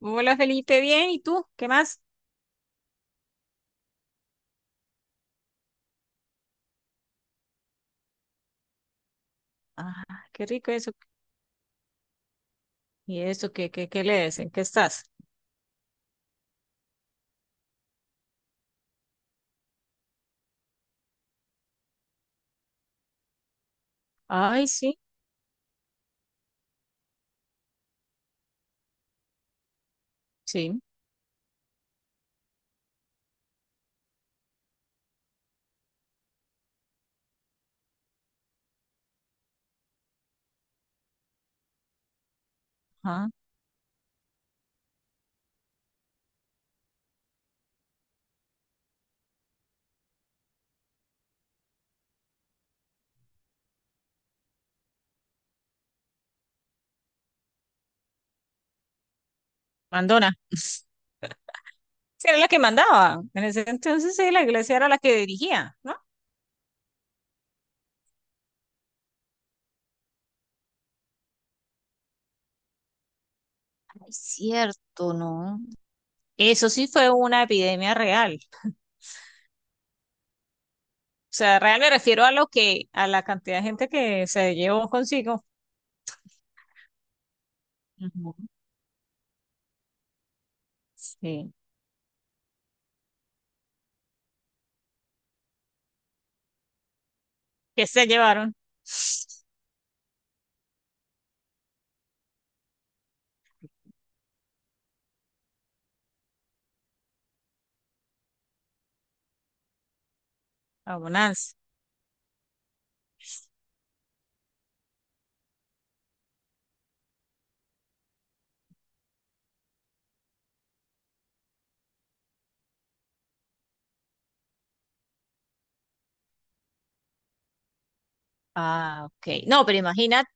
Hola Felipe, bien, ¿y tú? ¿Qué más? Ah, qué rico eso. ¿Y eso qué lees? ¿En qué estás? Ay, sí, ajá. Mandona. Sí, era la que mandaba. En ese entonces sí, la iglesia era la que dirigía, ¿no? Es cierto, ¿no? Eso sí fue una epidemia real. O sea, real me refiero a lo que, a la cantidad de gente que se llevó consigo. Ujú. Sí. ¿Qué se llevaron? Abonanza. Ah, ok. No, pero imagínate,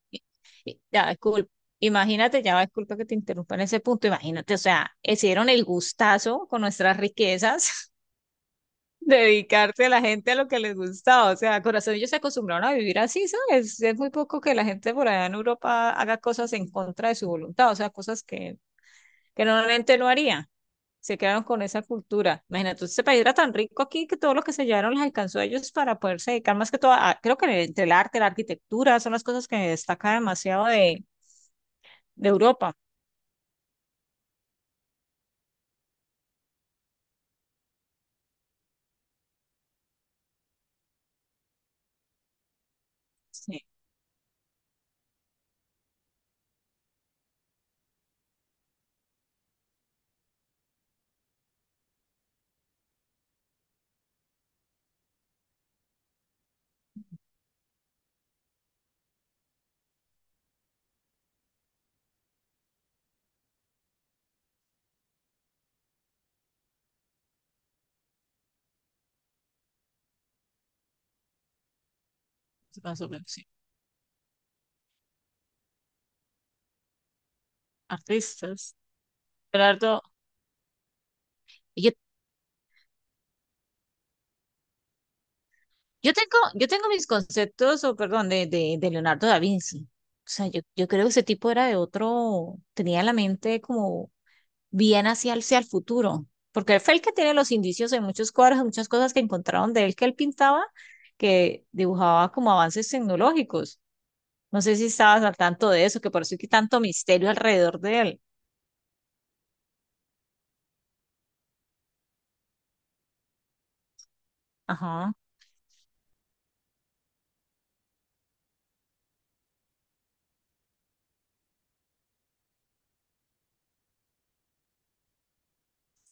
ya, disculpa, imagínate, ya, va, disculpa que te interrumpa en ese punto, imagínate, o sea, hicieron el gustazo con nuestras riquezas, dedicarse a la gente a lo que les gustaba, o sea, corazón, ellos se acostumbraron a vivir así, ¿sabes? Es muy poco que la gente por allá en Europa haga cosas en contra de su voluntad, o sea, cosas que normalmente no haría. Se quedaron con esa cultura. Imagínate, ese país era tan rico aquí que todo lo que se llevaron les alcanzó a ellos para poderse dedicar más que todo a, creo que entre el arte, la arquitectura, son las cosas que destaca demasiado de Europa. Sí, más o menos, sí. Artistas. Leonardo, yo, yo tengo, yo tengo mis conceptos, o perdón, de Leonardo da Vinci. O sea, yo creo que ese tipo era de otro, tenía la mente como bien hacia el futuro, porque él fue el que tiene los indicios de muchos cuadros, de muchas cosas que encontraron de él que él pintaba, que dibujaba como avances tecnológicos. No sé si estabas al tanto de eso, que por eso hay que tanto misterio alrededor de él. Ajá,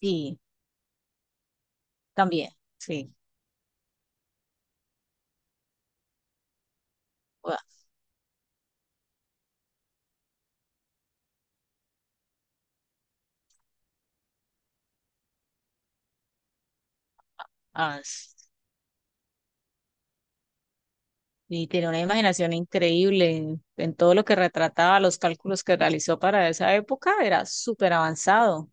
sí, también, sí. Ua- ah, s- y tiene una imaginación increíble en todo lo que retrataba, los cálculos que realizó para esa época, era súper avanzado,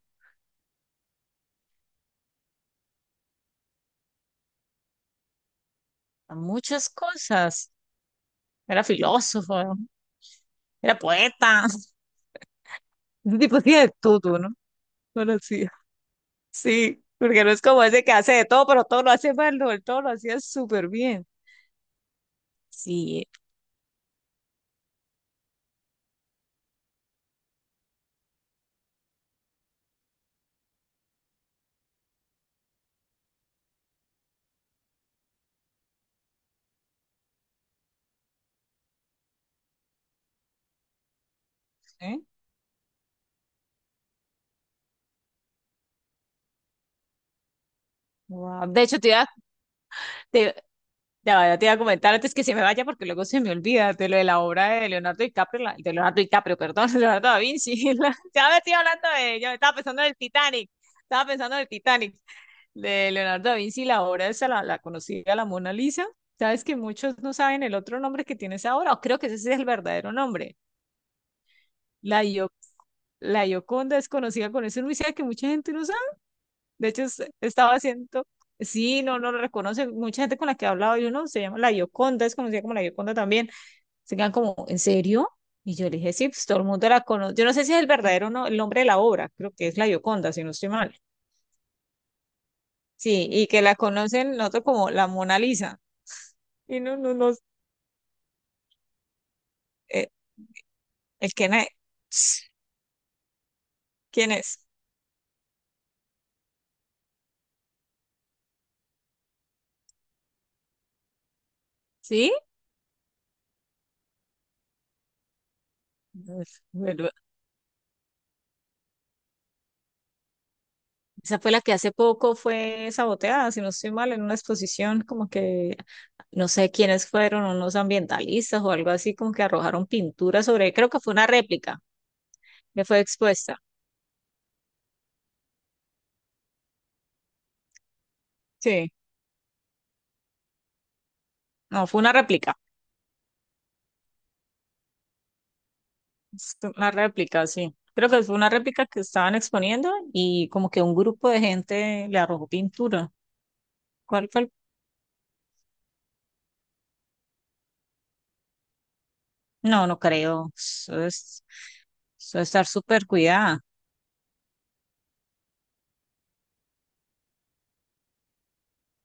a muchas cosas. Era filósofo, era poeta. Ese tipo hacía de todo, ¿no? No lo hacía. Sí, porque no es como ese que hace de todo, pero todo lo hace mal, no, él todo lo hacía súper bien. Sí. ¿Eh? Wow. De hecho, te, ya ya te iba a comentar antes que se me vaya, porque luego se me olvida de lo de la obra de Leonardo DiCaprio, de Leonardo DiCaprio, perdón, Leonardo da Vinci. Ya me estoy hablando de, yo estaba pensando en el Titanic, estaba pensando en el Titanic, de Leonardo da Vinci, la obra esa, la conocida, la Mona Lisa. Sabes que muchos no saben el otro nombre que tiene esa obra, o creo que ese es el verdadero nombre. La, Gio- la Gioconda es conocida con ese Luis que mucha gente no sabe. De hecho, estaba haciendo, sí, no, no lo reconoce. Mucha gente con la que he hablado, yo no, se llama la Gioconda, es conocida como la Gioconda también. Se quedan como, ¿en serio? Y yo le dije, sí, pues todo el mundo la conoce. Yo no sé si es el verdadero no, el nombre de la obra, creo que es la Gioconda, si no estoy mal. Sí, y que la conocen nosotros como la Mona Lisa. Y no, no, no, eh, el que na- ¿Quién es? ¿Sí? Bueno, esa fue la que hace poco fue saboteada, si no estoy mal, en una exposición, como que no sé quiénes fueron, unos ambientalistas o algo así, como que arrojaron pintura sobre, creo que fue una réplica que fue expuesta. Sí, no, fue una réplica, es una réplica, sí. Creo que fue una réplica que estaban exponiendo y como que un grupo de gente le arrojó pintura. ¿Cuál fue el- No, no creo. Eso es estar súper cuidada.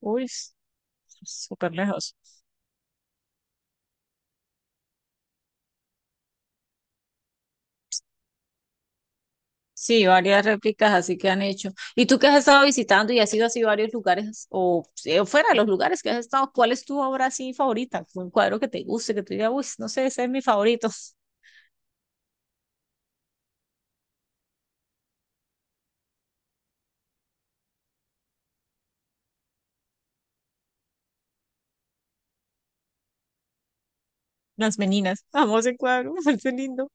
Uy, s- Súper lejos. Sí, varias réplicas así que han hecho. ¿Y tú que has estado visitando y has ido así a varios lugares o fuera de los lugares que has estado, cuál es tu obra así favorita? Un cuadro que te guste, que tú digas, uy, no sé, ese es mi favorito. Las meninas. Amo ese cuadro, me parece lindo.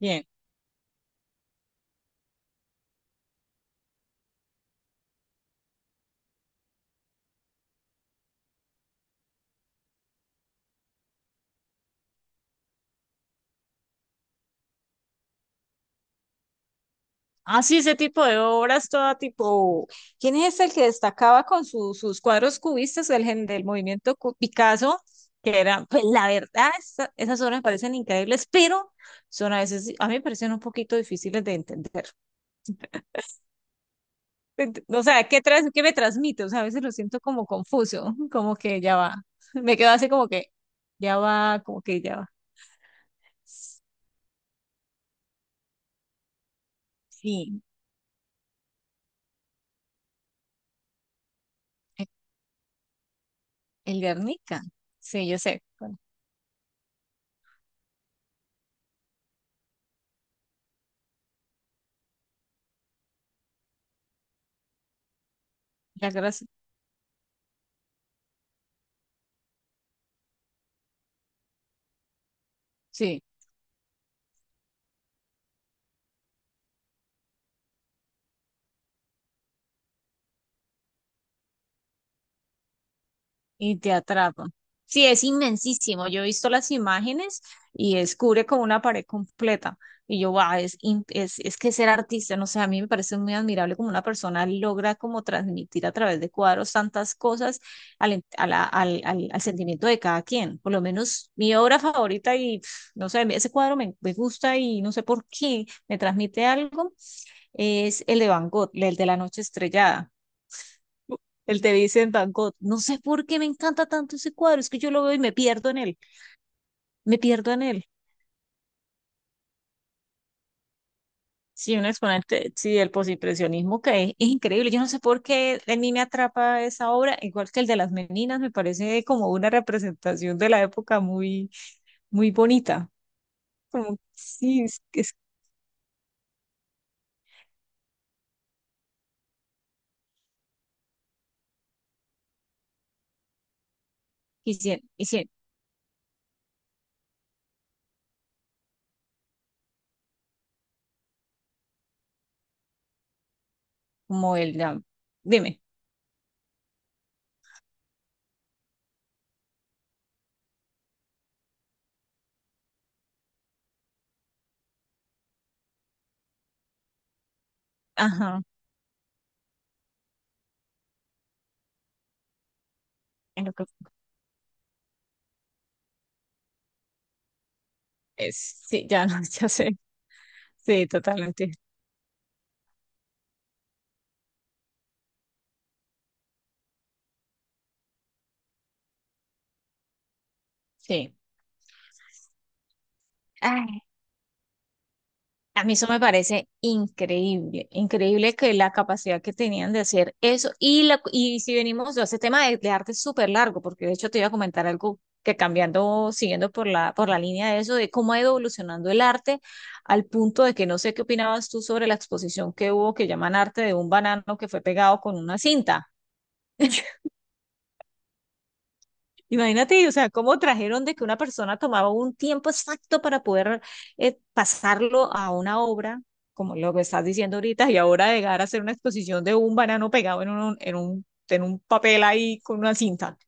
Bien. Ah, sí, ese tipo de obras, todo tipo. ¿Quién es el que destacaba con sus cuadros cubistas del, del movimiento Picasso? Que eran, pues la verdad, esas obras me parecen increíbles, pero son a veces, a mí me parecen un poquito difíciles de entender. O sea, ¿qué, qué me transmite? O sea, a veces lo siento como confuso, como que ya va. Me quedo así como que ya va, como que ya va. Sí, e- el Guernica. Sí, yo sé. Bueno, la gracia. Sí. Y te atrapa. Sí, es inmensísimo. Yo he visto las imágenes y es cubre como una pared completa. Y yo, wow, es, es que ser artista, no sé, a mí me parece muy admirable como una persona logra como transmitir a través de cuadros tantas cosas al, al sentimiento de cada quien. Por lo menos mi obra favorita y pf, no sé, ese cuadro me gusta y no sé por qué me transmite algo, es el de Van Gogh, el de La Noche Estrellada. El te dice en Bangkok, no sé por qué me encanta tanto ese cuadro, es que yo lo veo y me pierdo en él, me pierdo en él. Sí, un exponente, sí, del postimpresionismo que es increíble. Yo no sé por qué a mí me atrapa esa obra, igual que el de las meninas, me parece como una representación de la época muy, muy bonita. Como, sí, es quisien- quisien- como dime, ajá, en lo que es, sí, ya, no, ya sé, sí, totalmente, sí. ¡Ay! A mí eso me parece increíble, increíble que la capacidad que tenían de hacer eso. Y, la, y si venimos a ese tema de arte es súper largo, porque de hecho te iba a comentar algo que cambiando, siguiendo por por la línea de eso, de cómo ha ido evolucionando el arte al punto de que no sé qué opinabas tú sobre la exposición que hubo que llaman arte de un banano que fue pegado con una cinta. Imagínate, o sea, cómo trajeron de que una persona tomaba un tiempo exacto para poder pasarlo a una obra, como lo que estás diciendo ahorita, y ahora llegar a hacer una exposición de un banano pegado en un, en un, en un papel ahí con una cinta.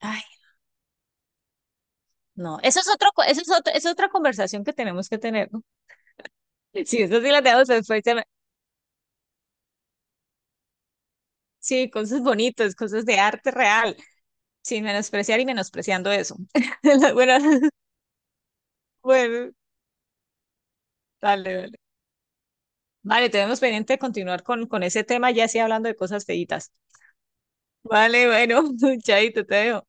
Ay, no, eso es otro, eso es otro, es otra conversación que tenemos que tener, ¿no? Sí, eso sí la tenemos después. Sí, cosas bonitas, cosas de arte real, sin menospreciar y menospreciando eso. Bueno, bueno, dale, dale. Vale, tenemos pendiente de continuar con ese tema, ya sí hablando de cosas feitas. Vale, bueno, chaito, te veo.